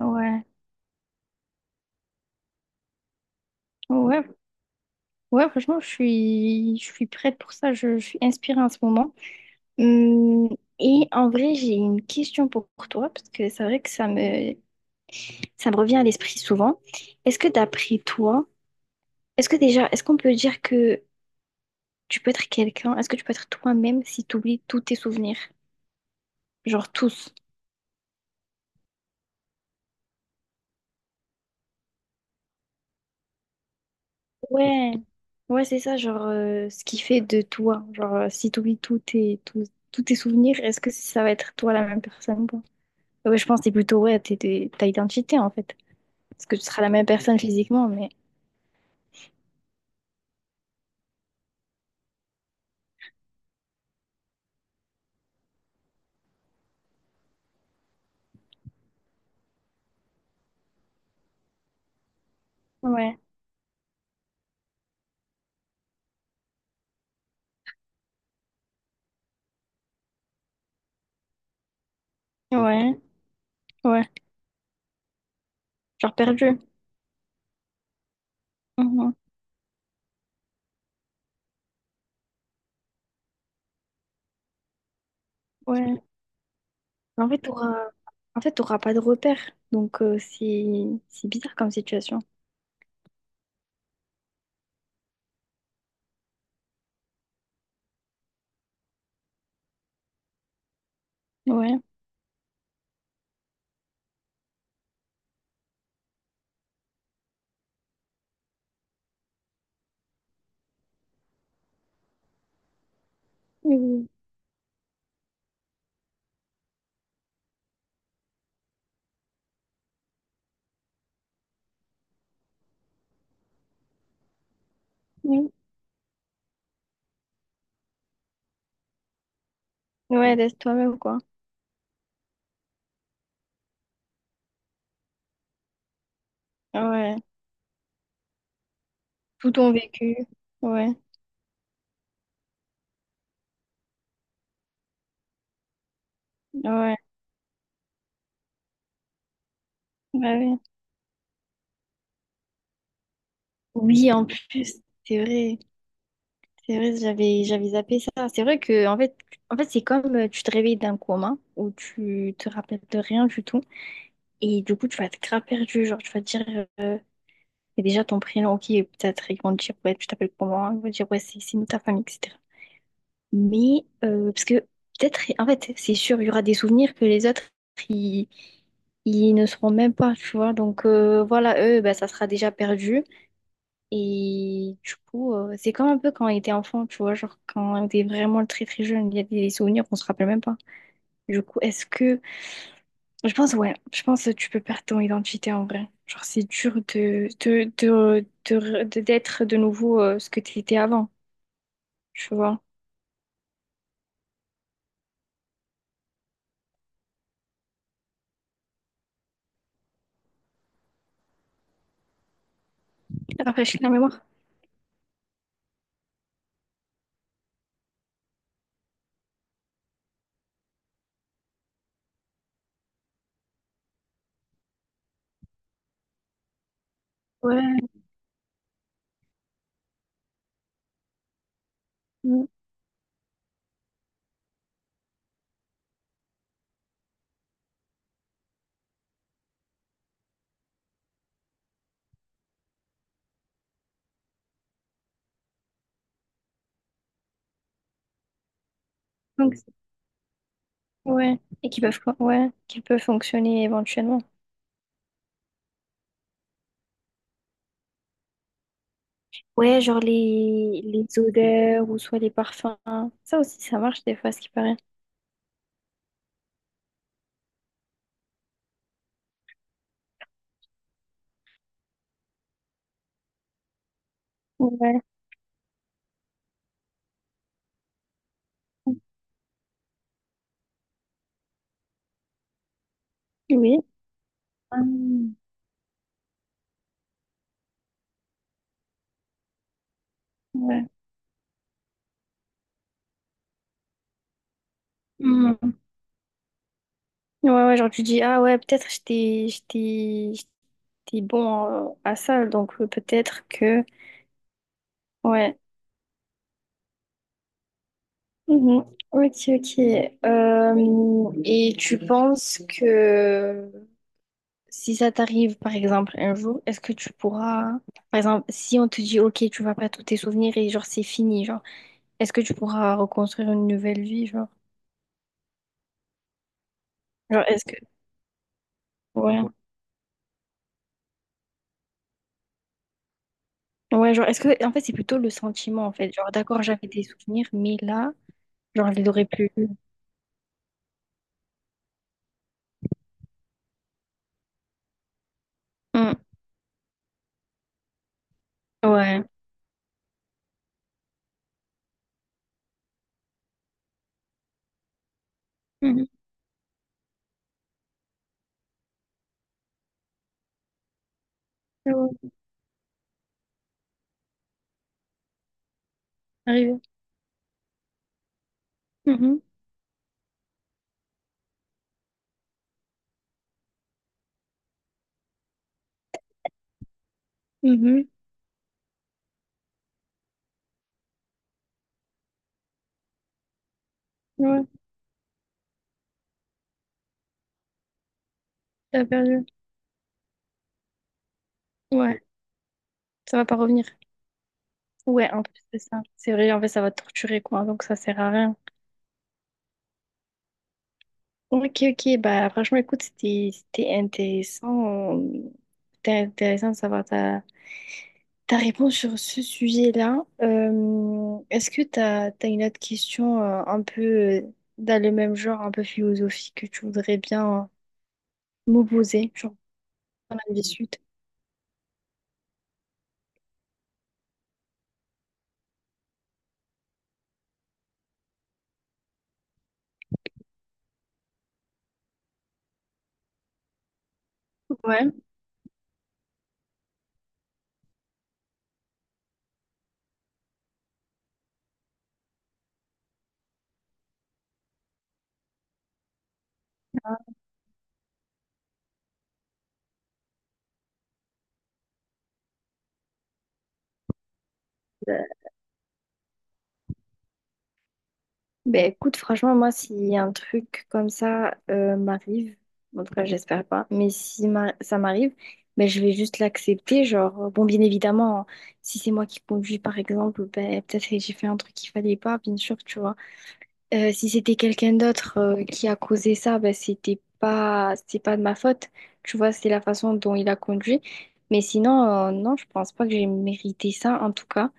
Ouais, ouais, ouais, franchement, je suis prête pour ça, je suis inspirée en ce moment. Hum, et en vrai, j'ai une question pour toi, parce que c'est vrai que ça me revient à l'esprit souvent. Est-ce que d'après toi, est-ce que déjà, est-ce qu'on peut dire que tu peux être quelqu'un, est-ce que tu peux être toi-même si tu oublies tous tes souvenirs? Genre tous. Ouais, ouais, c'est ça, genre ce qui fait de toi. Genre, si tu oublies tous tes souvenirs, est-ce que ça va être toi la même personne? Ouais, je pense que c'est plutôt ouais, ta identité en fait. Parce que tu seras la même personne physiquement, mais ouais, ouais, ouais. Genre perdu. Mhm. Ouais. Mais en fait, t'auras pas de repère. Donc c'est bizarre comme situation. Ouais. Mhm. Mhm. Ouais, laisse toi-même, quoi. Ouais. Tout ton vécu. Ouais. Ouais. Ouais, ouais. Oui, en plus, c'est vrai. C'est vrai, j'avais zappé ça. C'est vrai que en fait, c'est comme tu te réveilles d'un coma où tu te rappelles de rien du tout. Et du coup, tu vas être grave perdu. Genre, tu vas te dire, et déjà ton prénom, ok, peut-être ils vont te dire, ouais, tu t'appelles comment? Ils vont te dire, ouais, c'est nous ta famille, etc. Mais, parce que peut-être, en fait, c'est sûr, il y aura des souvenirs que les autres, ils, ils ne seront même pas, tu vois. Donc, voilà, eux, bah, ça sera déjà perdu. Et du coup, c'est comme un peu quand on était enfant, tu vois, genre quand on était vraiment très très jeune, il y a des souvenirs qu'on se rappelle même pas. Du coup, est-ce que Je pense, ouais, je pense que tu peux perdre ton identité en vrai. Genre, c'est dur d'être de nouveau ce que tu étais avant, tu vois. Rafraîchir la mémoire. Ouais. Mm. Donc, ouais. Et qui peuvent, ouais, qui peuvent fonctionner éventuellement. Ouais, genre les odeurs ou soit les parfums. Ça aussi, ça marche des fois, ce qui paraît. Ouais. Oui. Hum, ouais. Ouais, ouais, genre tu dis, ah ouais, peut-être j'étais bon à ça, donc peut-être que... Ouais. Mhm. Ok, ok. Euh, et tu penses que si ça t'arrive, par exemple, un jour, est-ce que tu pourras... Par exemple, si on te dit, ok, tu vas pas tous tes souvenirs et genre c'est fini, genre, est-ce que tu pourras reconstruire une nouvelle vie, genre? Genre, est-ce que... Ouais. Ouais, genre, est-ce que... En fait, c'est plutôt le sentiment, en fait. Genre, d'accord, j'avais des souvenirs, mais là, genre, je les aurais plus. Ouais. Mhm. Ouais, ouais. Arrivé. Mhm. Mhm. Ouais, t'as perdu. Ouais, ça va pas revenir. Ouais, en plus c'est ça. C'est vrai, en fait, ça va te torturer, quoi. Donc, ça sert à rien. Ok, ok. Bah, franchement, écoute, c'était intéressant. C'était intéressant de savoir ta réponse sur ce sujet-là. Est-ce que t'as une autre question un peu dans le même genre, un peu philosophique, que tu voudrais bien m'opposer, genre, dans la suite? Ouais. Ben écoute, franchement, moi, si un truc comme ça m'arrive, en tout cas, j'espère pas, mais si ça m'arrive, ben je vais juste l'accepter. Genre, bon, bien évidemment, si c'est moi qui conduis, par exemple, ben peut-être que j'ai fait un truc qu'il fallait pas, bien sûr, tu vois. Si c'était quelqu'un d'autre qui a causé ça, ben, c'est pas de ma faute. Tu vois, c'est la façon dont il a conduit. Mais sinon, non, je pense pas que j'ai mérité ça, en tout cas.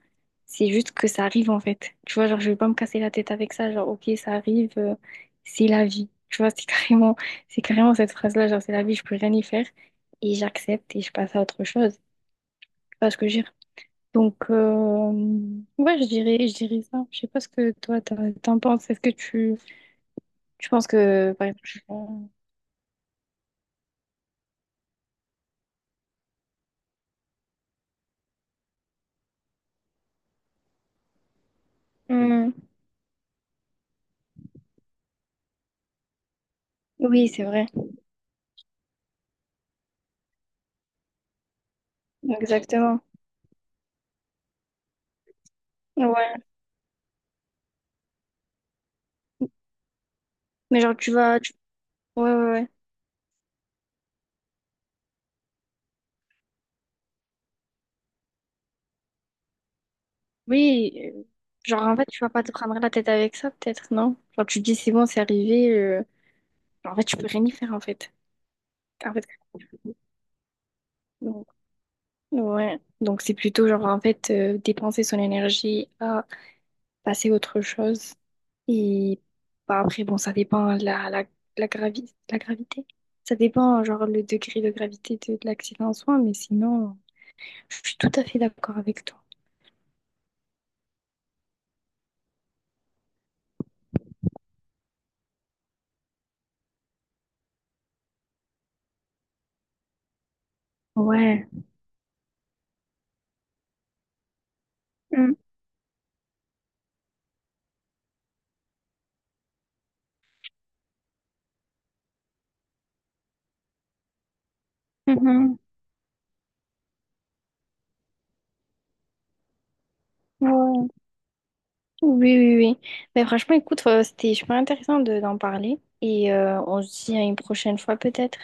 C'est juste que ça arrive, en fait. Tu vois, genre, je vais pas me casser la tête avec ça. Genre, ok, ça arrive, c'est la vie. Tu vois, c'est carrément, c'est carrément cette phrase-là, genre, c'est la vie, je peux rien y faire. Et j'accepte et je passe à autre chose. Tu vois ce que je veux dire? Donc, ouais, je dirais ça. Je sais pas ce que toi, t'en penses. Est-ce que tu je pense que, par exemple, je- Hmm. Oui, c'est vrai. Exactement. Ouais. Mais genre, tu- Ouais, ouais, ouais. Oui, genre, en fait, tu vas pas te prendre la tête avec ça, peut-être, non? Genre, tu te dis, c'est bon, c'est arrivé. En fait, tu peux rien y faire, en fait. En fait, donc, ouais. Donc, c'est plutôt, genre, en fait, dépenser son énergie à passer à autre chose. Et bah, après, bon, ça dépend de la gravité. Ça dépend, genre, le degré de gravité de l'accident en soi, mais sinon... Je suis tout à fait d'accord avec toi. Ouais. Mm, mhm. Ouais. Oui, oui, oui. Mais franchement, écoute, c'était super intéressant d'en parler. Et on se dit à une prochaine fois peut-être.